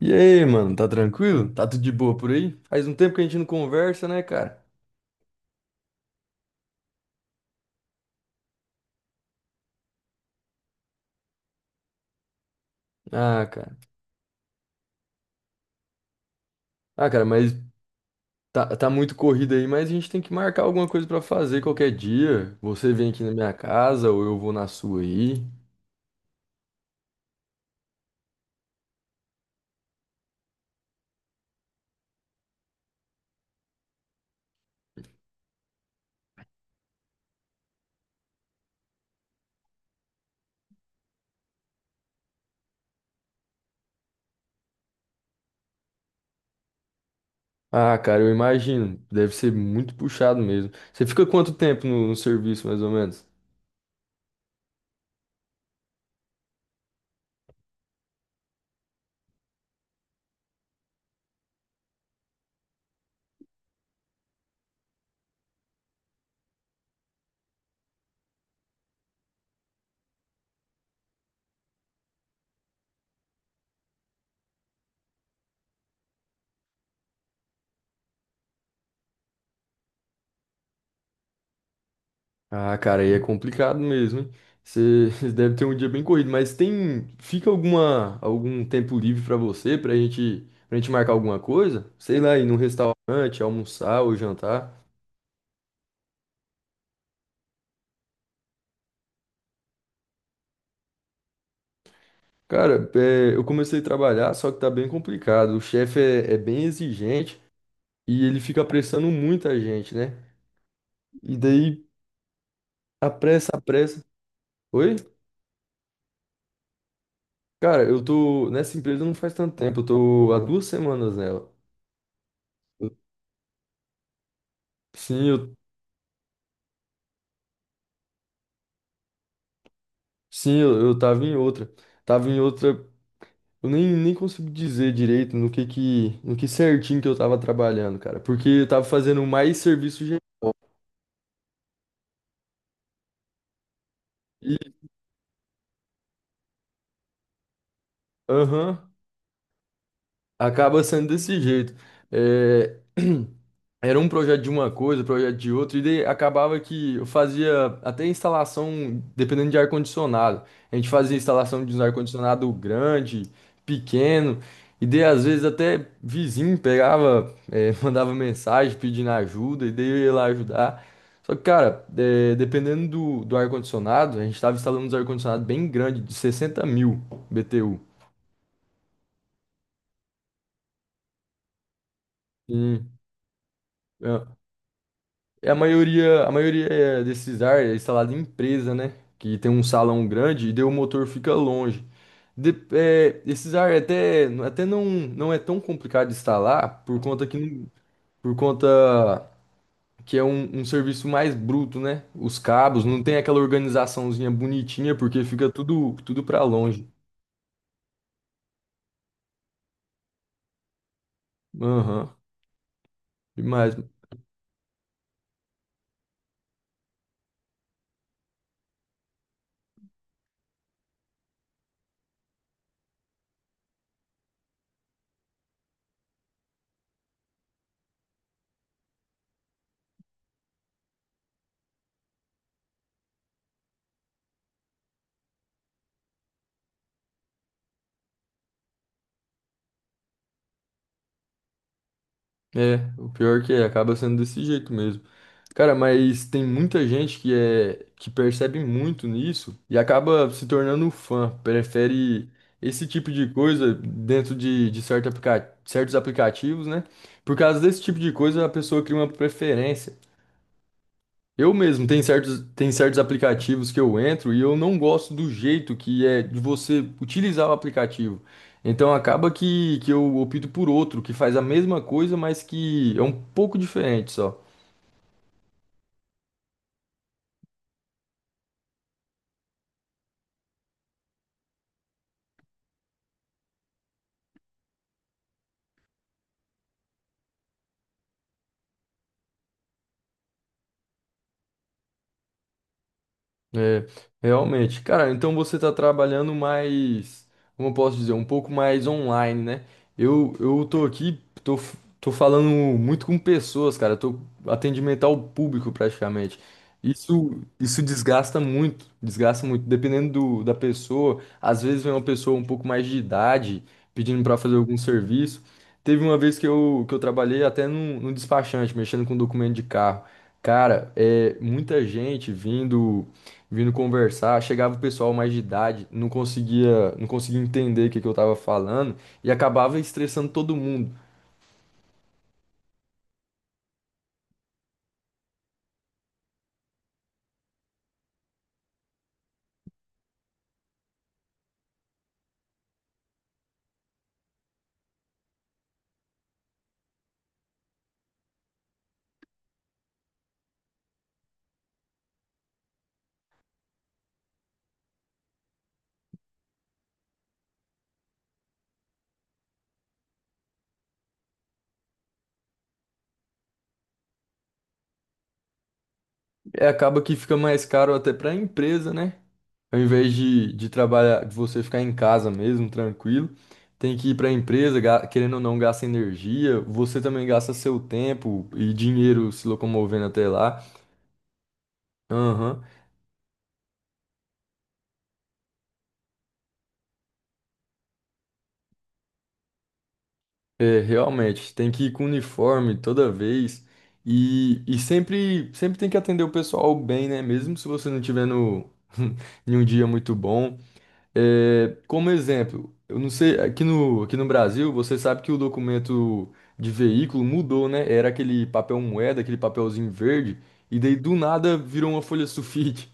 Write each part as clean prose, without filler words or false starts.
E aí, mano, tá tranquilo? Tá tudo de boa por aí? Faz um tempo que a gente não conversa, né, cara? Ah, cara. Ah, cara, mas tá muito corrido aí, mas a gente tem que marcar alguma coisa pra fazer qualquer dia. Você vem aqui na minha casa ou eu vou na sua aí. Ah, cara, eu imagino. Deve ser muito puxado mesmo. Você fica quanto tempo no serviço, mais ou menos? Ah, cara, aí é complicado mesmo, hein? Você deve ter um dia bem corrido, mas fica algum tempo livre pra você, pra gente marcar alguma coisa? Sei lá, ir num restaurante, almoçar ou jantar. Cara, é, eu comecei a trabalhar, só que tá bem complicado. O chefe é bem exigente e ele fica apressando muita gente, né? E daí apressa, apressa. Oi? Cara, eu tô nessa empresa não faz tanto tempo, eu tô há 2 semanas nela. Eu- Sim, eu tava em outra. Tava em outra. Eu nem consigo dizer direito no que certinho que eu tava trabalhando, cara. Porque eu tava fazendo mais serviço geral. Acaba sendo desse jeito. É, era um projeto de uma coisa, projeto de outra, e daí acabava que eu fazia até instalação, dependendo de ar-condicionado. A gente fazia instalação de um ar-condicionado grande, pequeno, e daí às vezes até vizinho pegava, mandava mensagem pedindo ajuda, e daí eu ia lá ajudar. Só que, cara, dependendo do ar-condicionado, a gente estava instalando uns ar-condicionado bem grande, de 60.000 BTU. Sim. É, e a maioria é desses ar é instalado em empresa, né? Que tem um salão grande e daí o motor fica longe. De- é, esses ar até não, é tão complicado de instalar por conta que, não- por conta que é um serviço mais bruto, né? Os cabos não tem aquela organizaçãozinha bonitinha porque fica tudo para longe. Aham, demais. É, o pior que é, acaba sendo desse jeito mesmo. Cara, mas tem muita gente que é que percebe muito nisso e acaba se tornando fã, prefere esse tipo de coisa dentro de certos aplicativos, né? Por causa desse tipo de coisa, a pessoa cria uma preferência. Eu mesmo, tem certos aplicativos que eu entro e eu não gosto do jeito que é de você utilizar o aplicativo. Então acaba que eu opto por outro, que faz a mesma coisa, mas que é um pouco diferente só. É, realmente. Cara, então você tá trabalhando mais, como eu posso dizer, um pouco mais online, né? Eu tô aqui, tô falando muito com pessoas, cara. Tô atendimento ao público praticamente. Isso desgasta muito, desgasta muito. Dependendo da pessoa, às vezes vem uma pessoa um pouco mais de idade pedindo pra fazer algum serviço. Teve uma vez que eu trabalhei até num despachante, mexendo com documento de carro. Cara, é muita gente vindo conversar, chegava o pessoal mais de idade, não conseguia entender o que que eu tava falando e acabava estressando todo mundo. É, acaba que fica mais caro até para a empresa, né? Ao invés de trabalhar, de você ficar em casa mesmo, tranquilo, tem que ir para a empresa, querendo ou não, gasta energia, você também gasta seu tempo e dinheiro se locomovendo até lá. Aham. É, realmente, tem que ir com uniforme toda vez e sempre tem que atender o pessoal bem, né? Mesmo se você não tiver no, em um dia muito bom. É, como exemplo, eu não sei, aqui no Brasil, você sabe que o documento de veículo mudou, né? Era aquele papel moeda, aquele papelzinho verde, e daí do nada virou uma folha sulfite.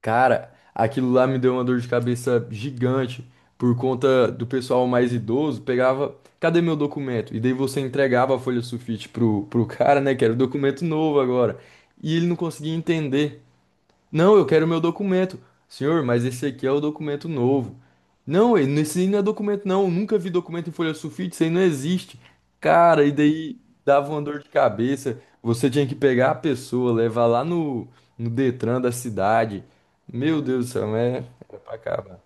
Cara, aquilo lá me deu uma dor de cabeça gigante por conta do pessoal mais idoso. Pegava, cadê meu documento? E daí você entregava a folha sulfite pro cara, né? Que era o documento novo agora. E ele não conseguia entender. Não, eu quero meu documento. Senhor, mas esse aqui é o documento novo. Não, esse aí não é documento, não. Eu nunca vi documento em folha sulfite, isso aí não existe. Cara, e daí dava uma dor de cabeça. Você tinha que pegar a pessoa, levar lá no Detran da cidade. Meu Deus do céu, é, é pra acabar.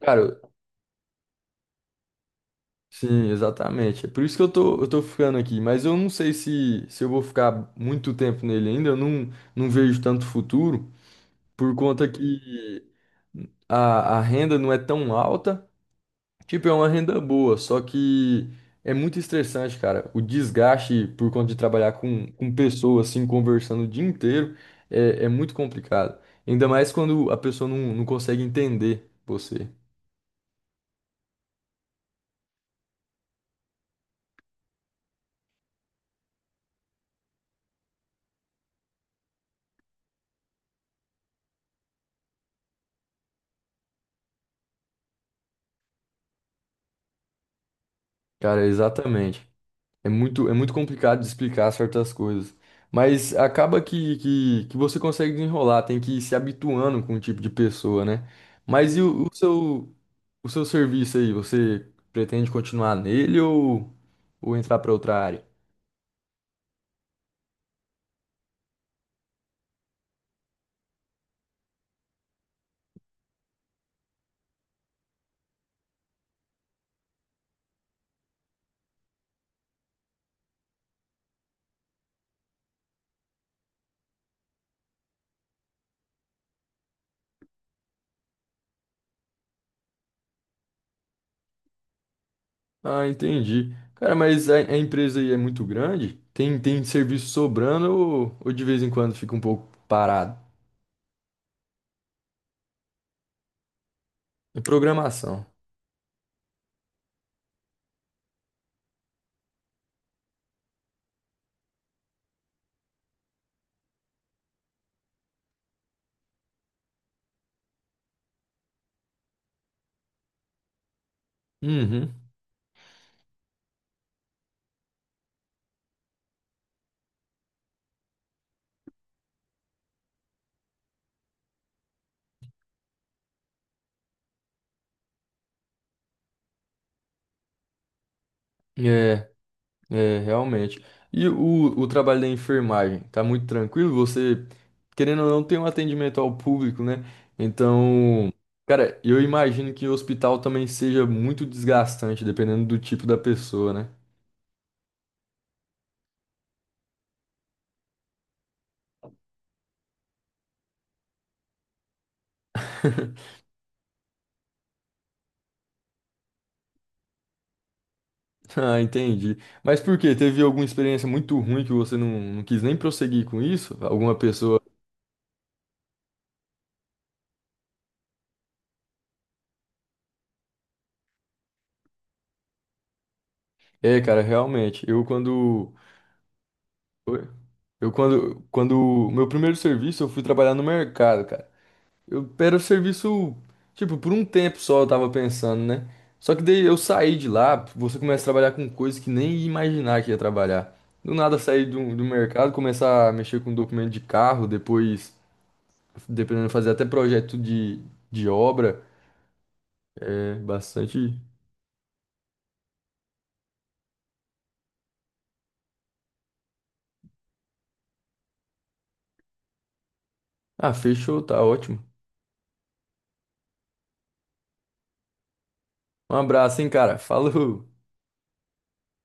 Cara, sim, exatamente. É por isso que eu tô ficando aqui. Mas eu não sei se eu vou ficar muito tempo nele ainda. Eu não vejo tanto futuro por conta que a renda não é tão alta. Tipo, é uma renda boa, só que é muito estressante, cara. O desgaste por conta de trabalhar com pessoas, assim, conversando o dia inteiro, é muito complicado. Ainda mais quando a pessoa não consegue entender você. Cara, exatamente. É muito complicado de explicar certas coisas. Mas acaba que, que você consegue desenrolar, tem que ir se habituando com o tipo de pessoa, né? Mas e o, o seu, O seu serviço aí, você pretende continuar nele ou entrar para outra área? Ah, entendi. Cara, mas a empresa aí é muito grande? Tem serviço sobrando ou de vez em quando fica um pouco parado? É programação. Uhum. É, é, realmente. E o trabalho da enfermagem? Tá muito tranquilo? Você, querendo ou não, tem um atendimento ao público, né? Então, cara, eu imagino que o hospital também seja muito desgastante, dependendo do tipo da pessoa, né? Ah, entendi. Mas por quê? Teve alguma experiência muito ruim que você não quis nem prosseguir com isso? Alguma pessoa. É, cara, realmente. Eu quando. Oi? Eu quando. Quando. Meu primeiro serviço, eu fui trabalhar no mercado, cara. Eu era o serviço. Tipo, por um tempo só eu tava pensando, né? Só que daí eu saí de lá, você começa a trabalhar com coisas que nem ia imaginar que ia trabalhar. Do nada sair do mercado, começar a mexer com documento de carro, depois, dependendo, fazer até projeto de obra. É, bastante. Ah, fechou, tá ótimo. Um abraço, hein, cara. Falou!